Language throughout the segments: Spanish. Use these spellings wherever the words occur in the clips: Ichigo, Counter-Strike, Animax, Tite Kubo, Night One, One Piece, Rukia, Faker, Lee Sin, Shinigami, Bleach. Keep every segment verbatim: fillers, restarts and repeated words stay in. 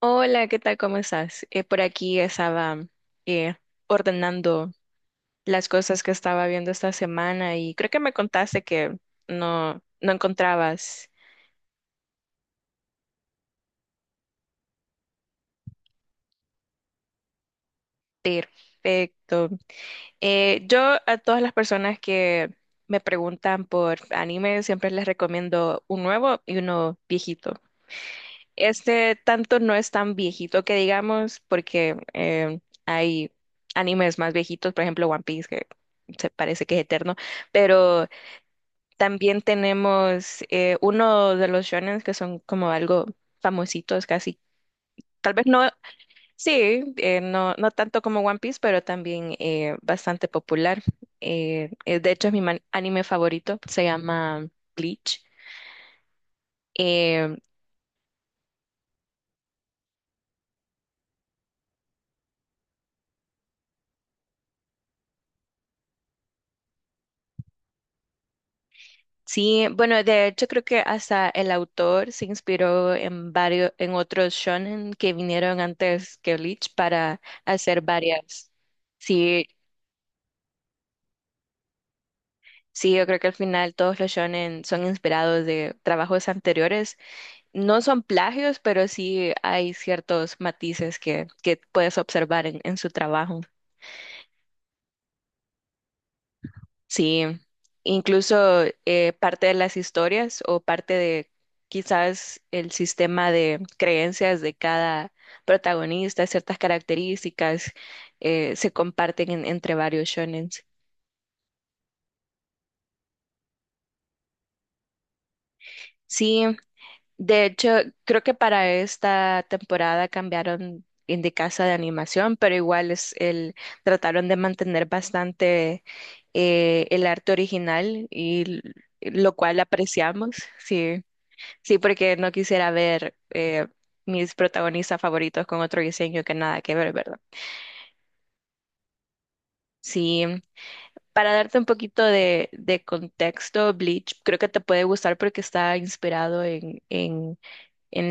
Hola, ¿qué tal? ¿Cómo estás? Eh, por aquí estaba eh, ordenando las cosas que estaba viendo esta semana y creo que me contaste que no, no encontrabas. Perfecto. Eh, yo a todas las personas que me preguntan por anime siempre les recomiendo un nuevo y uno viejito. Este tanto no es tan viejito que digamos porque eh, hay animes más viejitos, por ejemplo One Piece, que se parece que es eterno, pero también tenemos eh, uno de los shonen que son como algo famositos casi. Tal vez no, sí, eh, no, no tanto como One Piece, pero también eh, bastante popular. Eh, eh, de hecho, es mi man- anime favorito, se llama Bleach. Eh, sí, bueno, de hecho creo que hasta el autor se inspiró en varios, en otros shonen que vinieron antes que Bleach para hacer varias. Sí, Sí, yo creo que al final todos los shonen son inspirados de trabajos anteriores. No son plagios, pero sí hay ciertos matices que, que, puedes observar en, en su trabajo. Sí, incluso eh, parte de las historias o parte de quizás el sistema de creencias de cada protagonista, ciertas características eh, se comparten en- entre varios shonens. Sí, de hecho, creo que para esta temporada cambiaron en de casa de animación, pero igual es el, trataron de mantener bastante eh, el arte original y l- lo cual apreciamos, sí, sí, porque no quisiera ver eh, mis protagonistas favoritos con otro diseño que nada que ver, ¿verdad? Sí, para darte un poquito de, de, contexto. Bleach creo que te puede gustar porque está inspirado en en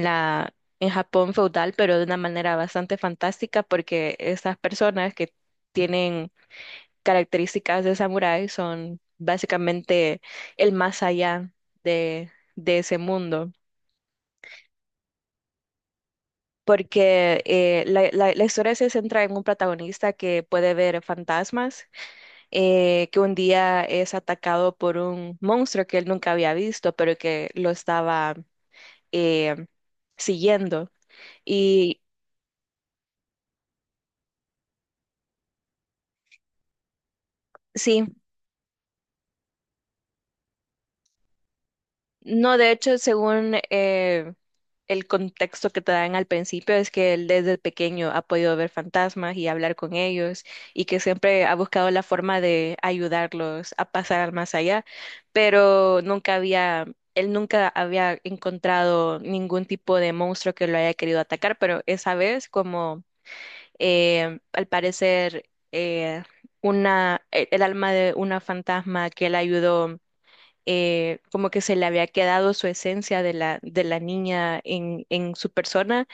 la, en Japón feudal, pero de una manera bastante fantástica porque estas personas que tienen características de samurái son básicamente el más allá de, de ese mundo. Porque eh, la, la- la historia se centra en un protagonista que puede ver fantasmas, eh, que un día es atacado por un monstruo que él nunca había visto, pero que lo estaba eh, siguiendo. Y sí, no, de hecho, según eh, el contexto que te dan al principio, es que él desde pequeño ha podido ver fantasmas y hablar con ellos y que siempre ha buscado la forma de ayudarlos a pasar al más allá, pero nunca había, él nunca había encontrado ningún tipo de monstruo que lo haya querido atacar, pero esa vez, como eh, al parecer, eh, una, el el alma de una fantasma que él ayudó, eh, como que se le había quedado su esencia de la, de la, niña en, en su persona,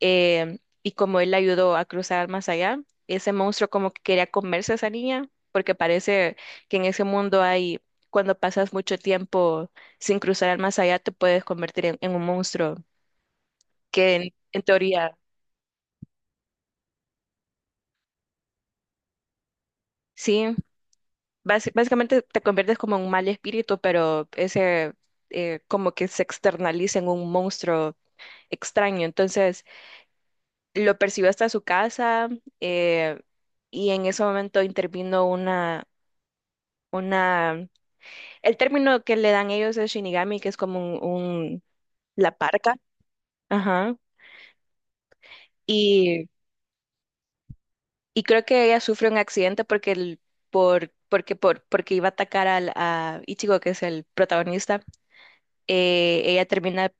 eh, y como él la ayudó a cruzar más allá, ese monstruo como que quería comerse a esa niña, porque parece que en ese mundo hay, cuando pasas mucho tiempo sin cruzar al más allá, te puedes convertir en, en un monstruo, que en, en teoría, sí, basi- básicamente te conviertes como en un mal espíritu, pero ese... eh, como que se externaliza en un monstruo extraño. Entonces, lo persiguió hasta su casa, eh, y en ese momento intervino una, una, el término que le dan ellos es Shinigami, que es como un, un- la parca, ajá, y, y creo que ella sufre un accidente porque el, por, porque, por, porque iba a atacar al, a Ichigo, que es el protagonista. Eh, ella termina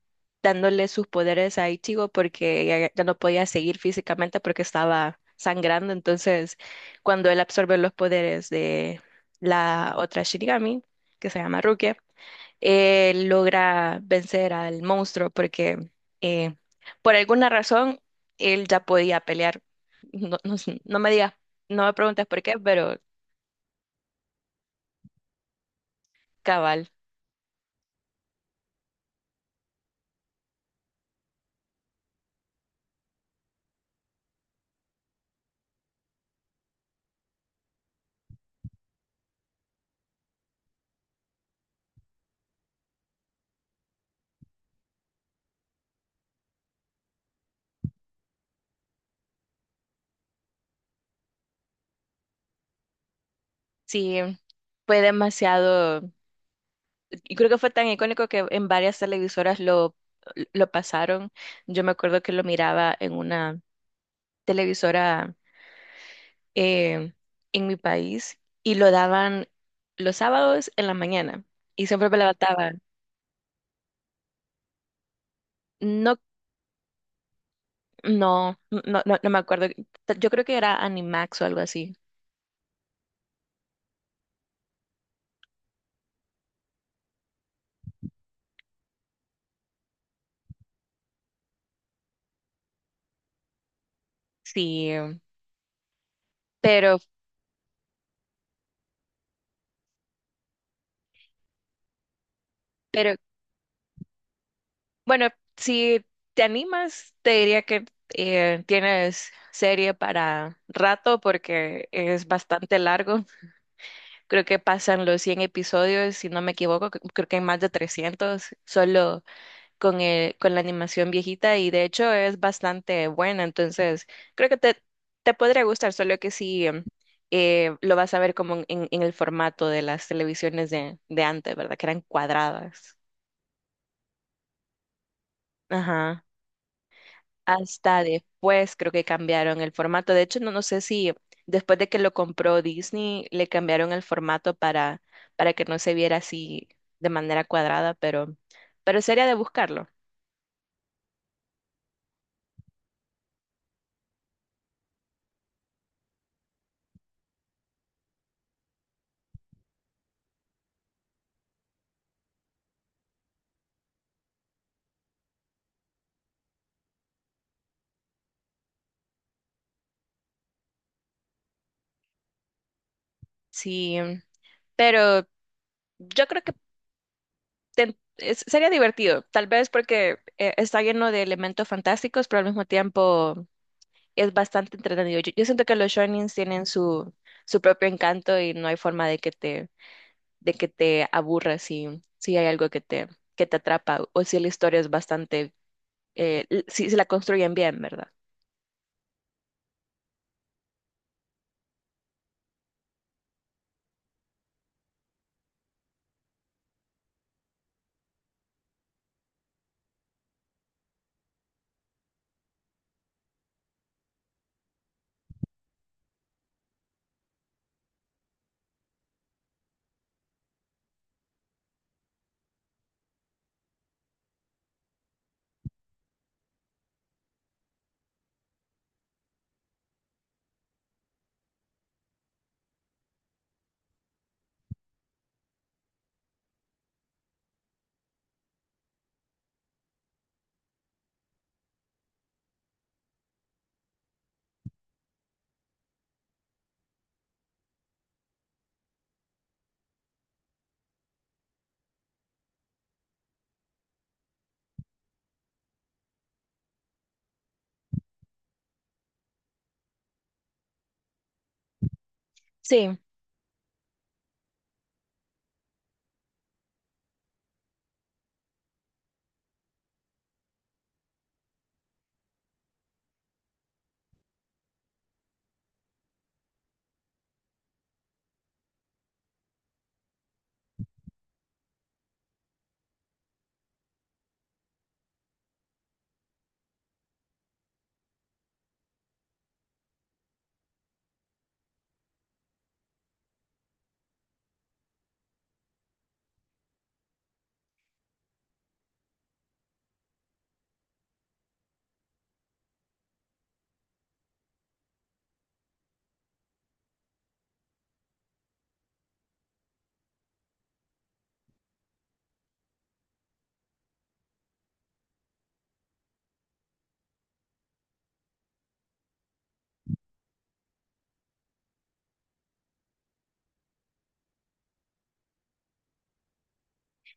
dándole sus poderes a Ichigo porque ella ya no podía seguir físicamente porque estaba sangrando. Entonces, cuando él absorbe los poderes de la otra Shinigami, que se llama Rukia, él logra vencer al monstruo porque eh, por alguna razón él ya podía pelear. No, no sé, no me digas, no me preguntes por qué, pero cabal, sí, fue demasiado. Y creo que fue tan icónico que en varias televisoras lo, lo, pasaron. Yo me acuerdo que lo miraba en una televisora eh, en mi país y lo daban los sábados en la mañana. Y siempre me levantaba. No, no, no, no, no me acuerdo. Yo creo que era Animax o algo así. Sí, pero, pero, bueno, si te animas, te diría que eh, tienes serie para rato porque es bastante largo. Creo que pasan los cien episodios, si no me equivoco. Cre- creo que hay más de trescientos solo con el, con la animación viejita, y de hecho es bastante buena, entonces creo que te, te, podría gustar, solo que sí, em, eh, lo vas a ver como en, en, el formato de las televisiones de, de antes, ¿verdad? Que eran cuadradas. Ajá. Hasta después creo que cambiaron el formato. De hecho, no, no sé si después de que lo compró Disney le cambiaron el formato para, para, que no se viera así de manera cuadrada, pero, pero sería de buscarlo. Sí, pero yo creo que ten- es- sería divertido, tal vez porque eh, está lleno de elementos fantásticos, pero al mismo tiempo es bastante entretenido. Yo, yo siento que los shonins tienen su, su propio encanto y no hay forma de que te de que te aburra si, si hay algo que te, que te atrapa, o si la historia es bastante, eh, l- si, si la construyen bien, ¿verdad? Sí,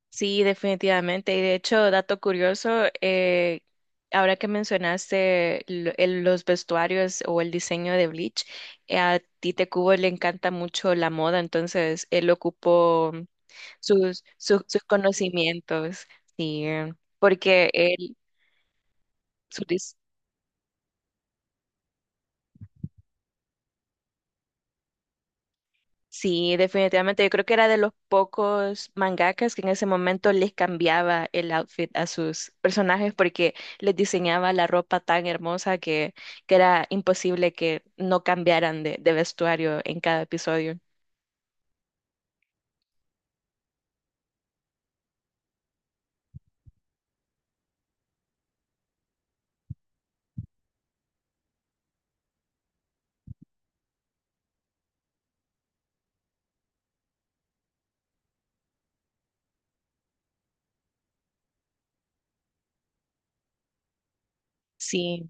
sí, definitivamente. Y de hecho, dato curioso, eh, ahora que mencionaste lo- el- los vestuarios o el diseño de Bleach, eh, a Tite Kubo le encanta mucho la moda, entonces él ocupó sus, sus, sus, conocimientos, sí, porque él, su dis- sí, definitivamente, yo creo que era de los pocos mangakas que en ese momento les cambiaba el outfit a sus personajes porque les diseñaba la ropa tan hermosa que, que, era imposible que no cambiaran de, de vestuario en cada episodio. Sí,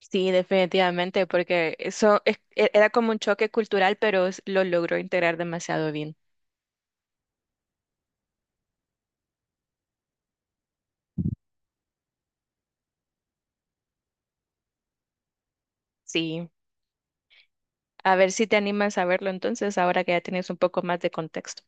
sí, definitivamente, porque eso es- e- era como un choque cultural, pero es- lo logró integrar demasiado bien. Sí. A ver si te animas a verlo entonces, ahora que ya tienes un poco más de contexto.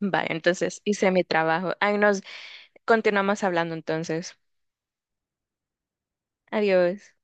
Vale, entonces hice mi trabajo. Ahí nos continuamos hablando entonces. Adiós.